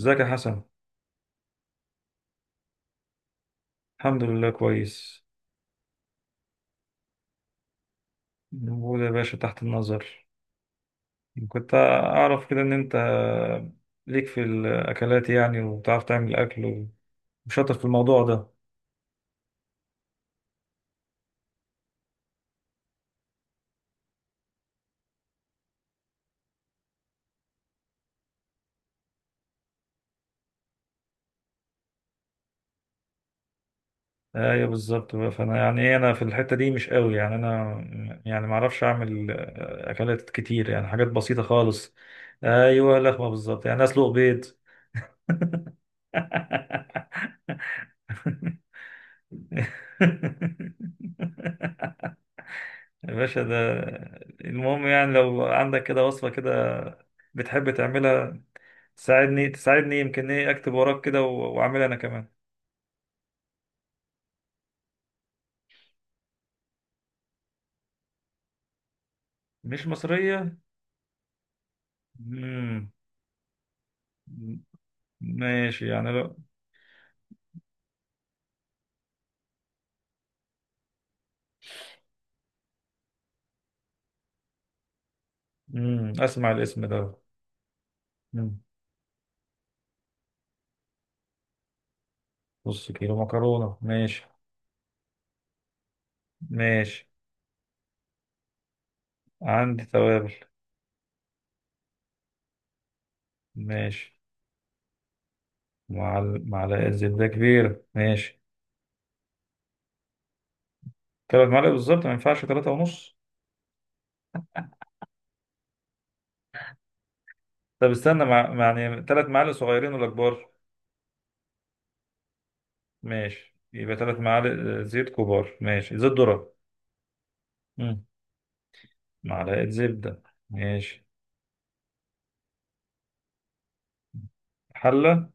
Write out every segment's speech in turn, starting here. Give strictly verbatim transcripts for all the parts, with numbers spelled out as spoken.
ازيك يا حسن؟ الحمد لله، كويس. موجود يا باشا، تحت النظر. كنت اعرف كده ان انت ليك في الاكلات يعني، وبتعرف تعمل اكل وشاطر في الموضوع ده. ايوه بالظبط بقى. فانا يعني إيه، انا في الحتة دي مش قوي يعني انا يعني ما اعرفش اعمل اكلات كتير، يعني حاجات بسيطة خالص. ايوه لخمة بالظبط، يعني اسلق بيض. يا باشا ده المهم يعني لو عندك كده وصفة كده بتحب تعملها، تساعدني تساعدني يمكن ايه اكتب وراك كده و- واعملها انا كمان. مش مصرية؟ مم. ماشي يعني لو... مم. اسمع الاسم ده. مم. نص كيلو مكرونة، ماشي. ماشي. عندي توابل. ماشي. مع معلقة زبدة كبيرة، ماشي. تلات معالق بالظبط، ما ينفعش تلاتة ونص؟ طب استنى، مع مع- يعني تلات معالق صغيرين ولا كبار؟ ماشي، يبقى ثلاث معالق آه، زيت كبار، ماشي زيت ذرة. مم. معلقة زبدة. ماشي. حلة.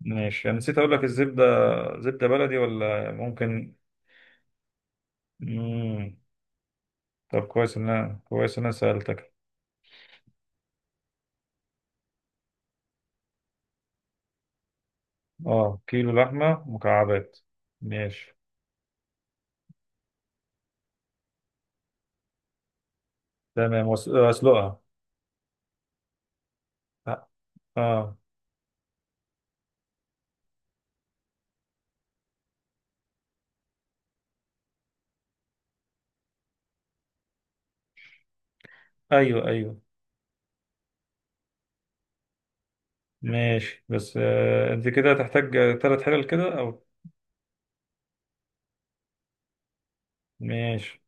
ماشي، أنا نسيت أقول لك الزبدة، زبدة بلدي ولا ممكن؟ مم. طب كويس إن أنا كويس إن أنا سألتك. أه كيلو لحمة مكعبات. ماشي تمام، وأس- آه، أسلقها. أه. آه. أيوه، أيوه. ماشي بس آه. أنت كده هتحتاج ثلاث حلل كده أو... ماشي.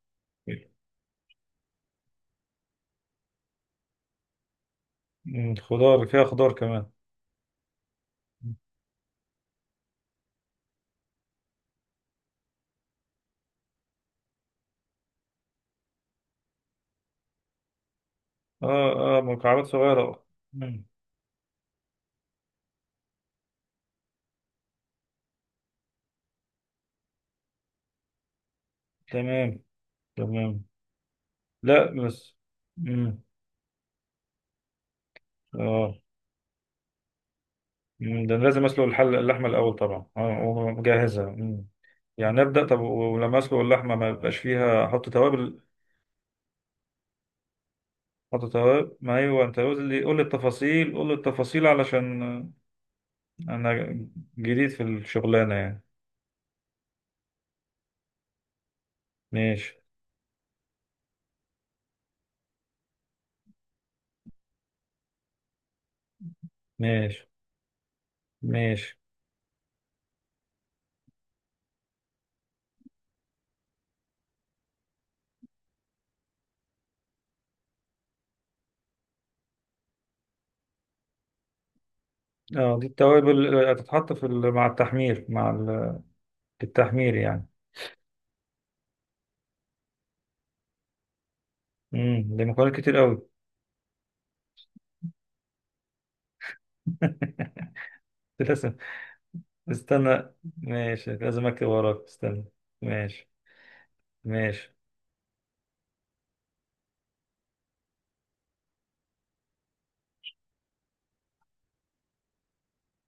مم. خضار؟ فيها خضار كمان؟ اه، اه، مكعبات صغيرة، اه. مم. تمام. تمام. لا بس... مم. اه. مم. ده أنا لازم اسلق الحل اللحمة الأول طبعا، اه ومجهزها. مم. يعني نبدأ طب، ولما اسلق اللحمة ما يبقاش فيها احط توابل؟ احط توابل، ما ايوه انت قول لي قول لي التفاصيل، قول لي التفاصيل علشان انا جديد في الشغلانة يعني. ماشي. ماشي. ماشي. اه، دي التوابل هتتحط في ال- مع التحمير، مع ال- التحمير يعني. امم ده مكونات كتير قوي. لازم. استنى، ماشي لازم اكتب وراك، استنى. ماشي. ماشي.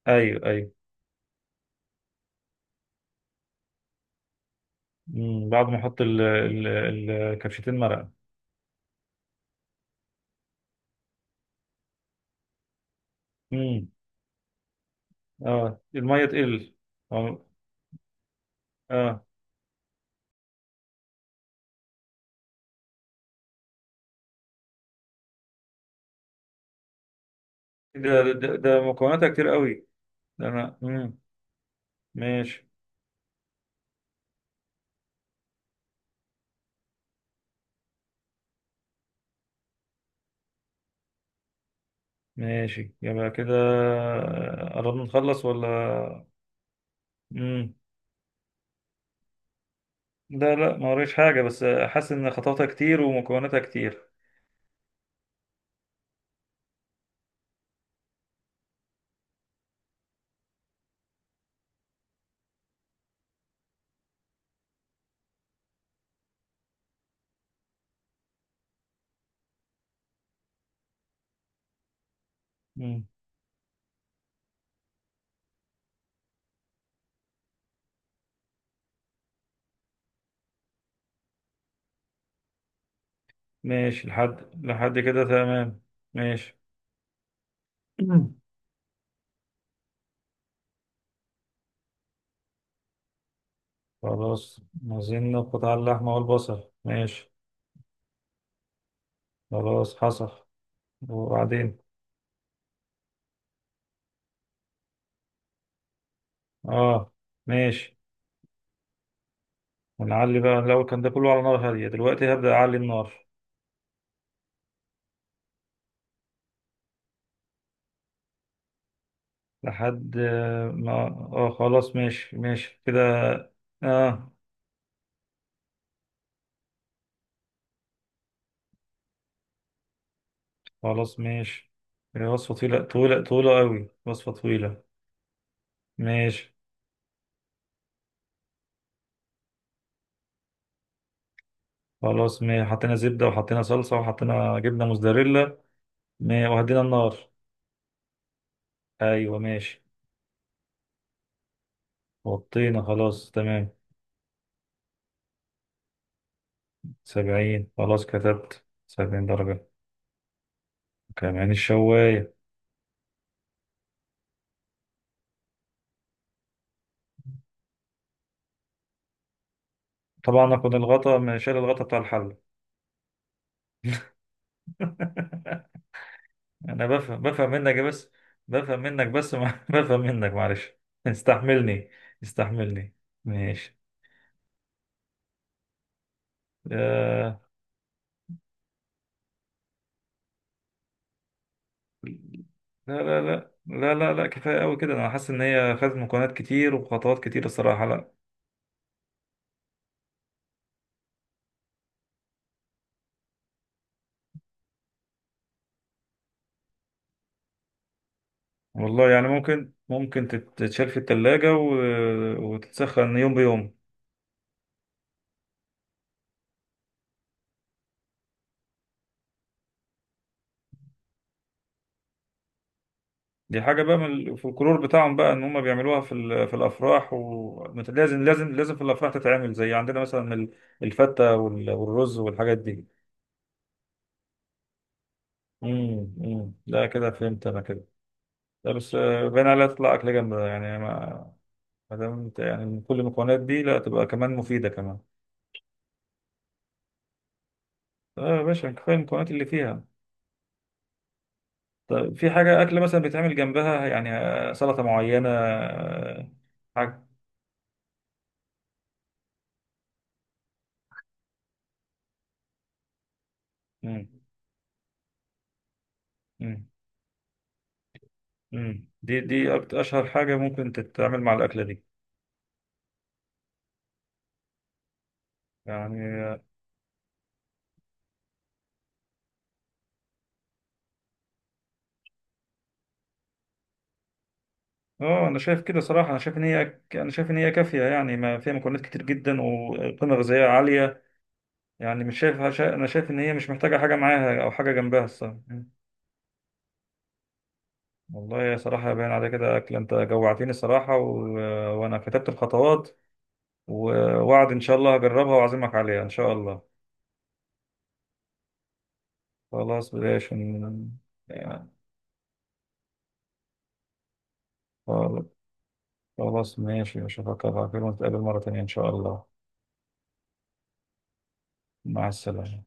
ايوه، ايوه. مم. بعد ما احط ال ال ال- كبشتين مرقه. امم. اه الميه تقل، اه، آه. ده ده, ده مكوناتها كتير قوي. ده انا امم ماشي، ماشي يبقى كده، آه، قربنا نخلص ولا؟ امم. لا، لا ما وريش حاجه، بس حاسس ان خطواتها كتير ومكوناتها كتير. امم. ماشي، لحد لحد كده تمام. ماشي. مم. خلاص. عايزين قطع اللحمة والبصل، ماشي. خلاص حصل. وبعدين. اه. ماشي. ونعلي بقى، الأول كان ده كله على نار هادية، دلوقتي هبدأ أعلي النار. لحد آه، ما اه آه، خلاص. ماشي، ماشي كده. اه. خلاص، ماشي. هي وصفة طويلة طويلة طويلة أوي، وصفة طويلة. ماشي. خلاص، ماشي حطينا زبدة وحطينا صلصة وحطينا جبنة موزاريلا، ما- وهدينا النار. أيوة، ماشي. وطينا، خلاص، تمام. سبعين، خلاص كتبت سبعين درجة. كمان الشواية. طبعا أكون الغطا ما شال، الغطا بتاع الحل. أنا بفهم بفهم منك بس، بفهم منك بس ما بفهم منك، معلش. استحملني. استحملني. ماشي. آه، لا لا لا لا لا لا، كفاية أوي كده، أنا حاسس إن هي خدت مكونات كتير وخطوات كتير الصراحة، لا. والله يعني ممكن ممكن تت- تتشال في التلاجة و... وتتسخن يوم بيوم. دي حاجة بقى من الفولكلور بتاعهم بقى، ان هم بيعملوها في ال- في الافراح، ولازم لازم لازم في الافراح تتعمل، زي عندنا مثلا ال-... الفتة وال- والرز والحاجات دي. امم امم ده كده فهمت انا كده. لا بس، آه، باين عليها تطلع اكل جامدة يعني ما... ما دام انت يعني من كل المكونات دي، لا تبقى كمان مفيدة كمان. اه يا باشا، كفاية المكونات اللي فيها. طيب، في حاجة أكل مثلا بيتعمل جنبها يعني آه، سلطة معينة آه، حاجة. امم. مم. دي دي أكت- أشهر حاجة ممكن تتعمل مع الأكلة دي؟ يعني، اه، أنا شايف كده صراحة، أنا شايف إن هي ك- أنا شايف إن هي كافية يعني، ما فيها مكونات كتير جدا وقيمة غذائية عالية. يعني مش شايف شا- أنا شايف إن هي مش محتاجة حاجة معاها أو حاجة جنبها الصراحة. مم. والله يا صراحة باين على كده أكل، أنت جوعتني الصراحة و... وأنا كتبت الخطوات. و- ووعد إن شاء الله هجربها وأعزمك عليها إن شاء الله. خلاص بلاش إن- يعني. خلاص ماشي، أشوفك على خير ونتقابل مرة تانية إن شاء الله. مع السلامة.